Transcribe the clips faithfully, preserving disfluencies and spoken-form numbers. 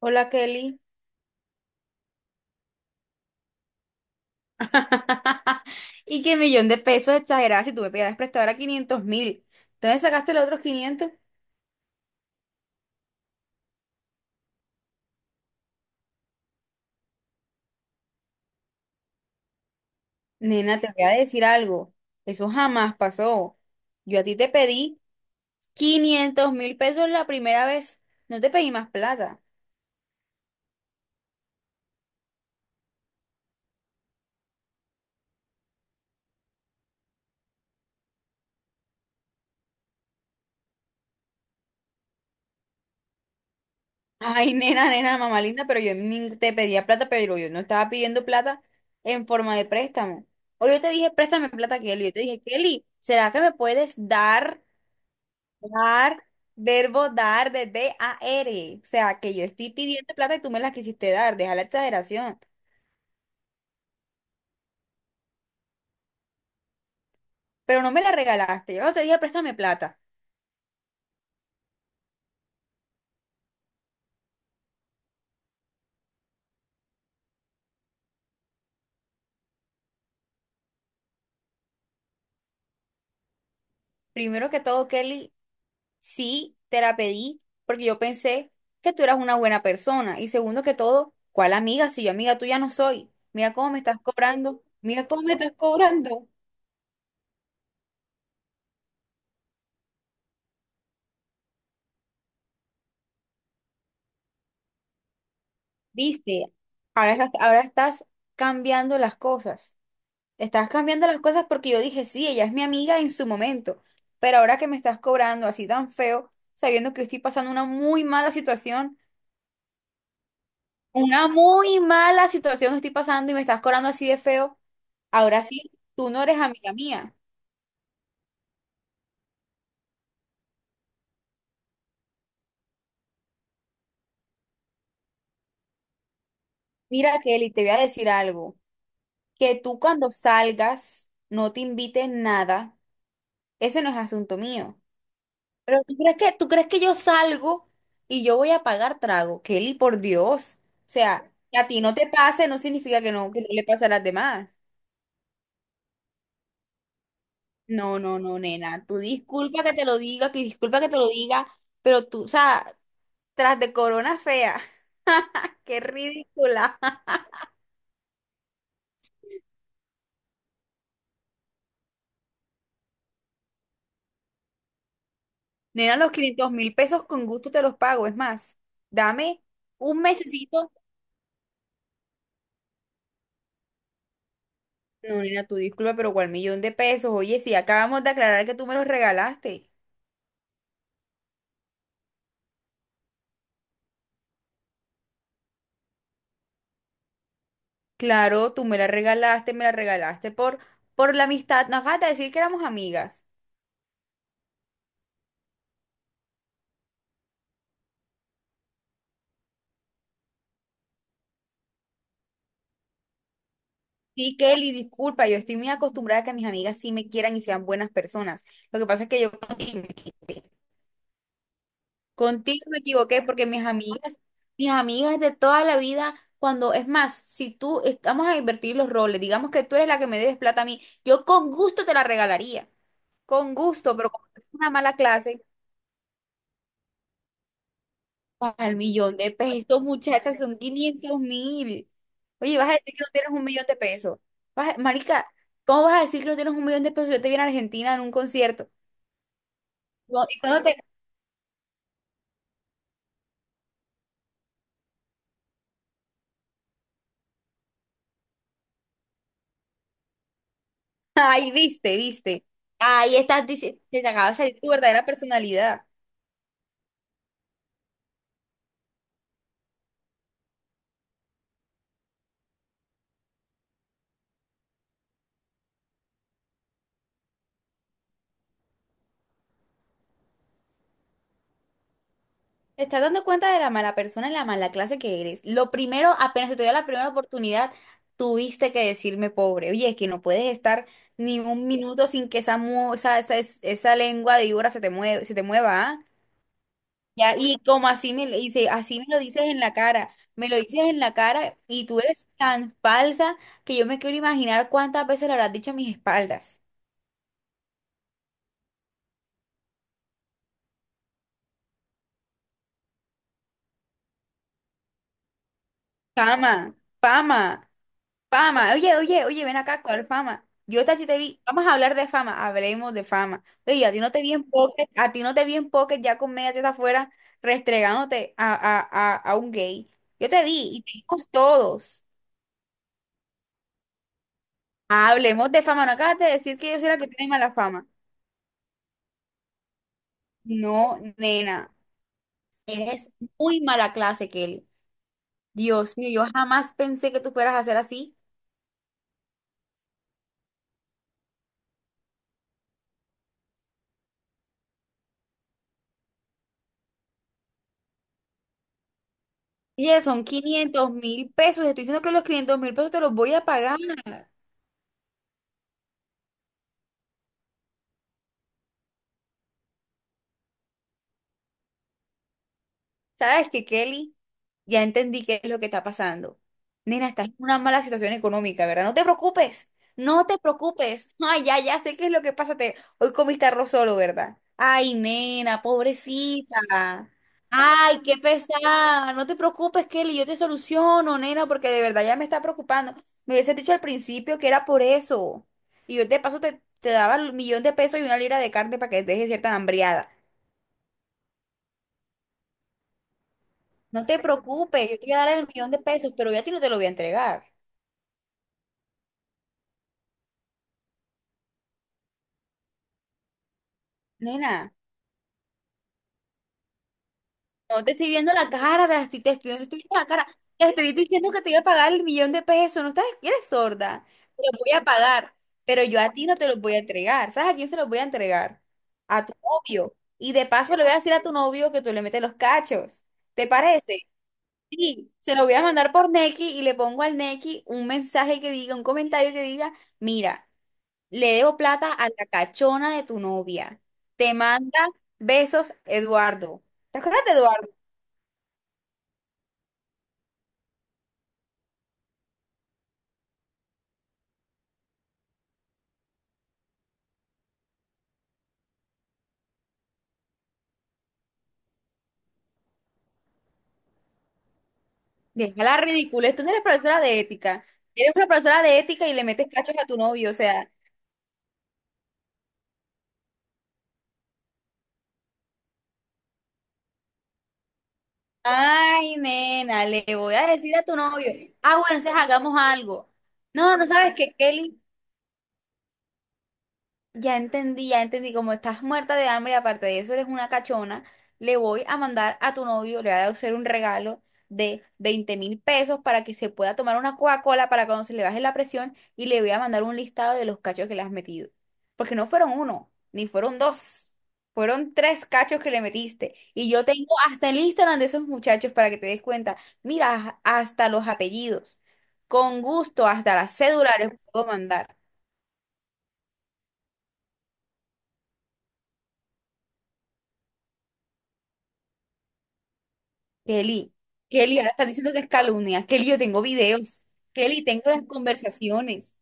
Hola Kelly. Y qué millón de pesos exagerada si tú me pedías prestado ahora quinientos mil. ¿Entonces sacaste los otros quinientos? Nena, te voy a decir algo. Eso jamás pasó. Yo a ti te pedí quinientos mil pesos la primera vez. No te pedí más plata. Ay, nena, nena, mamá linda, pero yo ni te pedía plata, pero yo no estaba pidiendo plata en forma de préstamo. O yo te dije, préstame plata, Kelly. Yo te dije, Kelly, ¿será que me puedes dar? Dar, verbo dar de D-A-R. O sea, que yo estoy pidiendo plata y tú me la quisiste dar. Deja la exageración. Pero no me la regalaste. Yo no te dije, préstame plata. Primero que todo, Kelly, sí te la pedí porque yo pensé que tú eras una buena persona. Y segundo que todo, ¿cuál amiga? Si yo amiga tuya no soy. Mira cómo me estás cobrando. Mira cómo me estás cobrando. ¿Viste? Ahora estás, ahora estás cambiando las cosas. Estás cambiando las cosas porque yo dije, sí, ella es mi amiga en su momento, pero ahora que me estás cobrando así tan feo, sabiendo que estoy pasando una muy mala situación, una muy mala situación estoy pasando y me estás cobrando así de feo, ahora sí, tú no eres amiga mía. Mira, Kelly, te voy a decir algo, que tú cuando salgas no te invites nada, ese no es asunto mío. Pero tú crees que, tú crees que yo salgo y yo voy a pagar trago. Kelly, por Dios. O sea, que a ti no te pase no significa que no, que no le pase a las demás. No, no, no, nena. Tú disculpa que te lo diga, que disculpa que te lo diga, pero tú, o sea, tras de corona fea, qué ridícula. Nena, los quinientos mil pesos con gusto te los pago. Es más, dame un mesecito. No, nena, tú disculpa, pero ¿cuál millón de pesos? Oye, si acabamos de aclarar que tú me los regalaste. Claro, tú me la regalaste, me la regalaste por, por la amistad. No acabas de decir que éramos amigas. Sí, Kelly, disculpa, yo estoy muy acostumbrada a que mis amigas sí me quieran y sean buenas personas. Lo que pasa es que yo contigo me equivoqué, contigo me equivoqué porque mis amigas, mis amigas de toda la vida, cuando, es más, si tú, es- vamos a invertir los roles, digamos que tú eres la que me debes plata a mí, yo con gusto te la regalaría, con gusto, pero como es una mala clase, pues, al millón de pesos, muchachas, son quinientos mil. Oye, vas a decir que no tienes un millón de pesos. Vas a- Marica, ¿cómo vas a decir que no tienes un millón de pesos? Si yo te vi en Argentina en un concierto. No, y cuando te... Ay, viste, viste. Ahí estás, dici- te acaba de salir tu verdadera personalidad. Te estás dando cuenta de la mala persona y la mala clase que eres. Lo primero, apenas se te dio la primera oportunidad, tuviste que decirme pobre. Oye, es que no puedes estar ni un minuto sin que esa, mu- esa, esa, esa lengua de víbora se te mueva, se te mueva, ¿ah? Ya, y como así me lo dice, así me lo dices en la cara, me lo dices en la cara y tú eres tan falsa que yo me quiero imaginar cuántas veces lo habrás dicho a mis espaldas. Fama, fama, fama. Oye, oye, oye, ven acá, ¿cuál fama? Yo esta sí te vi, vamos a hablar de fama, hablemos de fama. Oye, a ti no te vi en pocket, a ti no te vi en pocket ya con medias afuera restregándote a, a, a, a un gay. Yo te vi y te vimos todos. Hablemos de fama, no acabas de decir que yo soy la que tiene mala fama. No, nena, eres muy mala clase, Kelly. Dios mío, yo jamás pensé que tú fueras a hacer así. Oye, son quinientos mil pesos. Estoy diciendo que los quinientos mil pesos te los voy a pagar. ¿Sabes qué, Kelly? Ya entendí qué es lo que está pasando. Nena, estás en una mala situación económica, ¿verdad? No te preocupes, no te preocupes. Ay, ya, ya sé qué es lo que pasa. Te- Hoy comiste arroz solo, ¿verdad? Ay, nena, pobrecita. Ay, qué pesada. No te preocupes, Kelly, yo te soluciono, nena, porque de verdad ya me está preocupando. Me hubiese dicho al principio que era por eso. Y yo de paso te, te daba el millón de pesos y una libra de carne para que dejes cierta hambriada. No te preocupes, yo te voy a dar el millón de pesos, pero yo a ti no te lo voy a entregar. Nena, no te estoy viendo la cara, te estoy, te estoy, no estoy viendo la cara. Te estoy diciendo que te iba a pagar el millón de pesos. No estás, eres sorda. Te lo voy a pagar, pero yo a ti no te lo voy a entregar. ¿Sabes a quién se los voy a entregar? A tu novio. Y de paso le voy a decir a tu novio que tú le metes los cachos. ¿Te parece? Sí, se lo voy a mandar por Nequi y le pongo al Nequi un mensaje que diga, un comentario que diga, mira. Le debo plata a la cachona de tu novia. Te manda besos, Eduardo. ¿Te acuerdas de Eduardo? Deja la ridiculez. Tú no eres profesora de ética. Eres una profesora de ética y le metes cachos a tu novio. O sea, ay, nena, le voy a decir a tu novio. Ah, bueno, entonces hagamos algo. No, no sabes que Kelly ya entendí, ya entendí, como estás muerta de hambre, aparte de eso eres una cachona, le voy a mandar a tu novio, le voy a hacer un regalo de veinte mil pesos para que se pueda tomar una Coca-Cola para cuando se le baje la presión y le voy a mandar un listado de los cachos que le has metido. Porque no fueron uno, ni fueron dos, fueron tres cachos que le metiste. Y yo tengo hasta el Instagram de esos muchachos para que te des cuenta. Mira, hasta los apellidos. Con gusto, hasta las cédulas les puedo mandar. Kelly, Kelly, ahora están diciendo que es calumnia. Kelly, yo tengo videos. Kelly, tengo las conversaciones.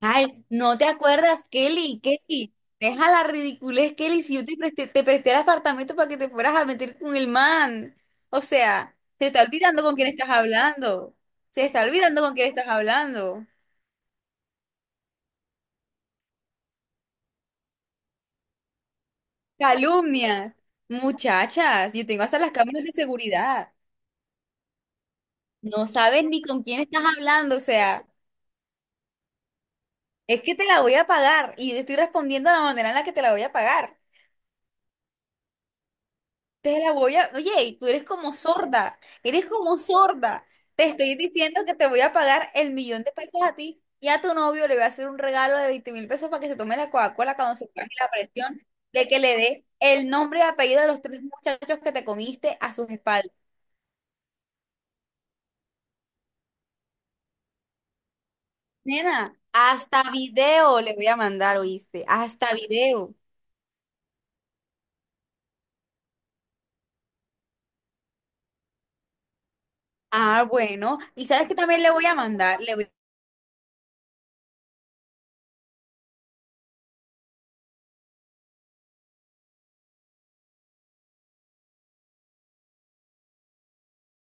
Ay, ¿no te acuerdas, Kelly? Kelly, deja la ridiculez, Kelly, si yo te presté, te presté el apartamento para que te fueras a meter con el man. O sea, se está olvidando con quién estás hablando. Se está olvidando con quién estás hablando. Calumnias. Muchachas, yo tengo hasta las cámaras de seguridad. No sabes ni con quién estás hablando, o sea. Es que te la voy a pagar y yo estoy respondiendo de la manera en la que te la voy a pagar. Te la voy a... Oye, y tú eres como sorda, eres como sorda. Te estoy diciendo que te voy a pagar el millón de pesos a ti y a tu novio le voy a hacer un regalo de veinte mil pesos para que se tome la Coca-Cola cuando se pague la presión de que le dé el nombre y apellido de los tres muchachos que te comiste a sus espaldas. Nena, hasta video le voy a mandar, ¿oíste? Hasta video. Ah, bueno. ¿Y sabes qué también le voy a mandar? Le voy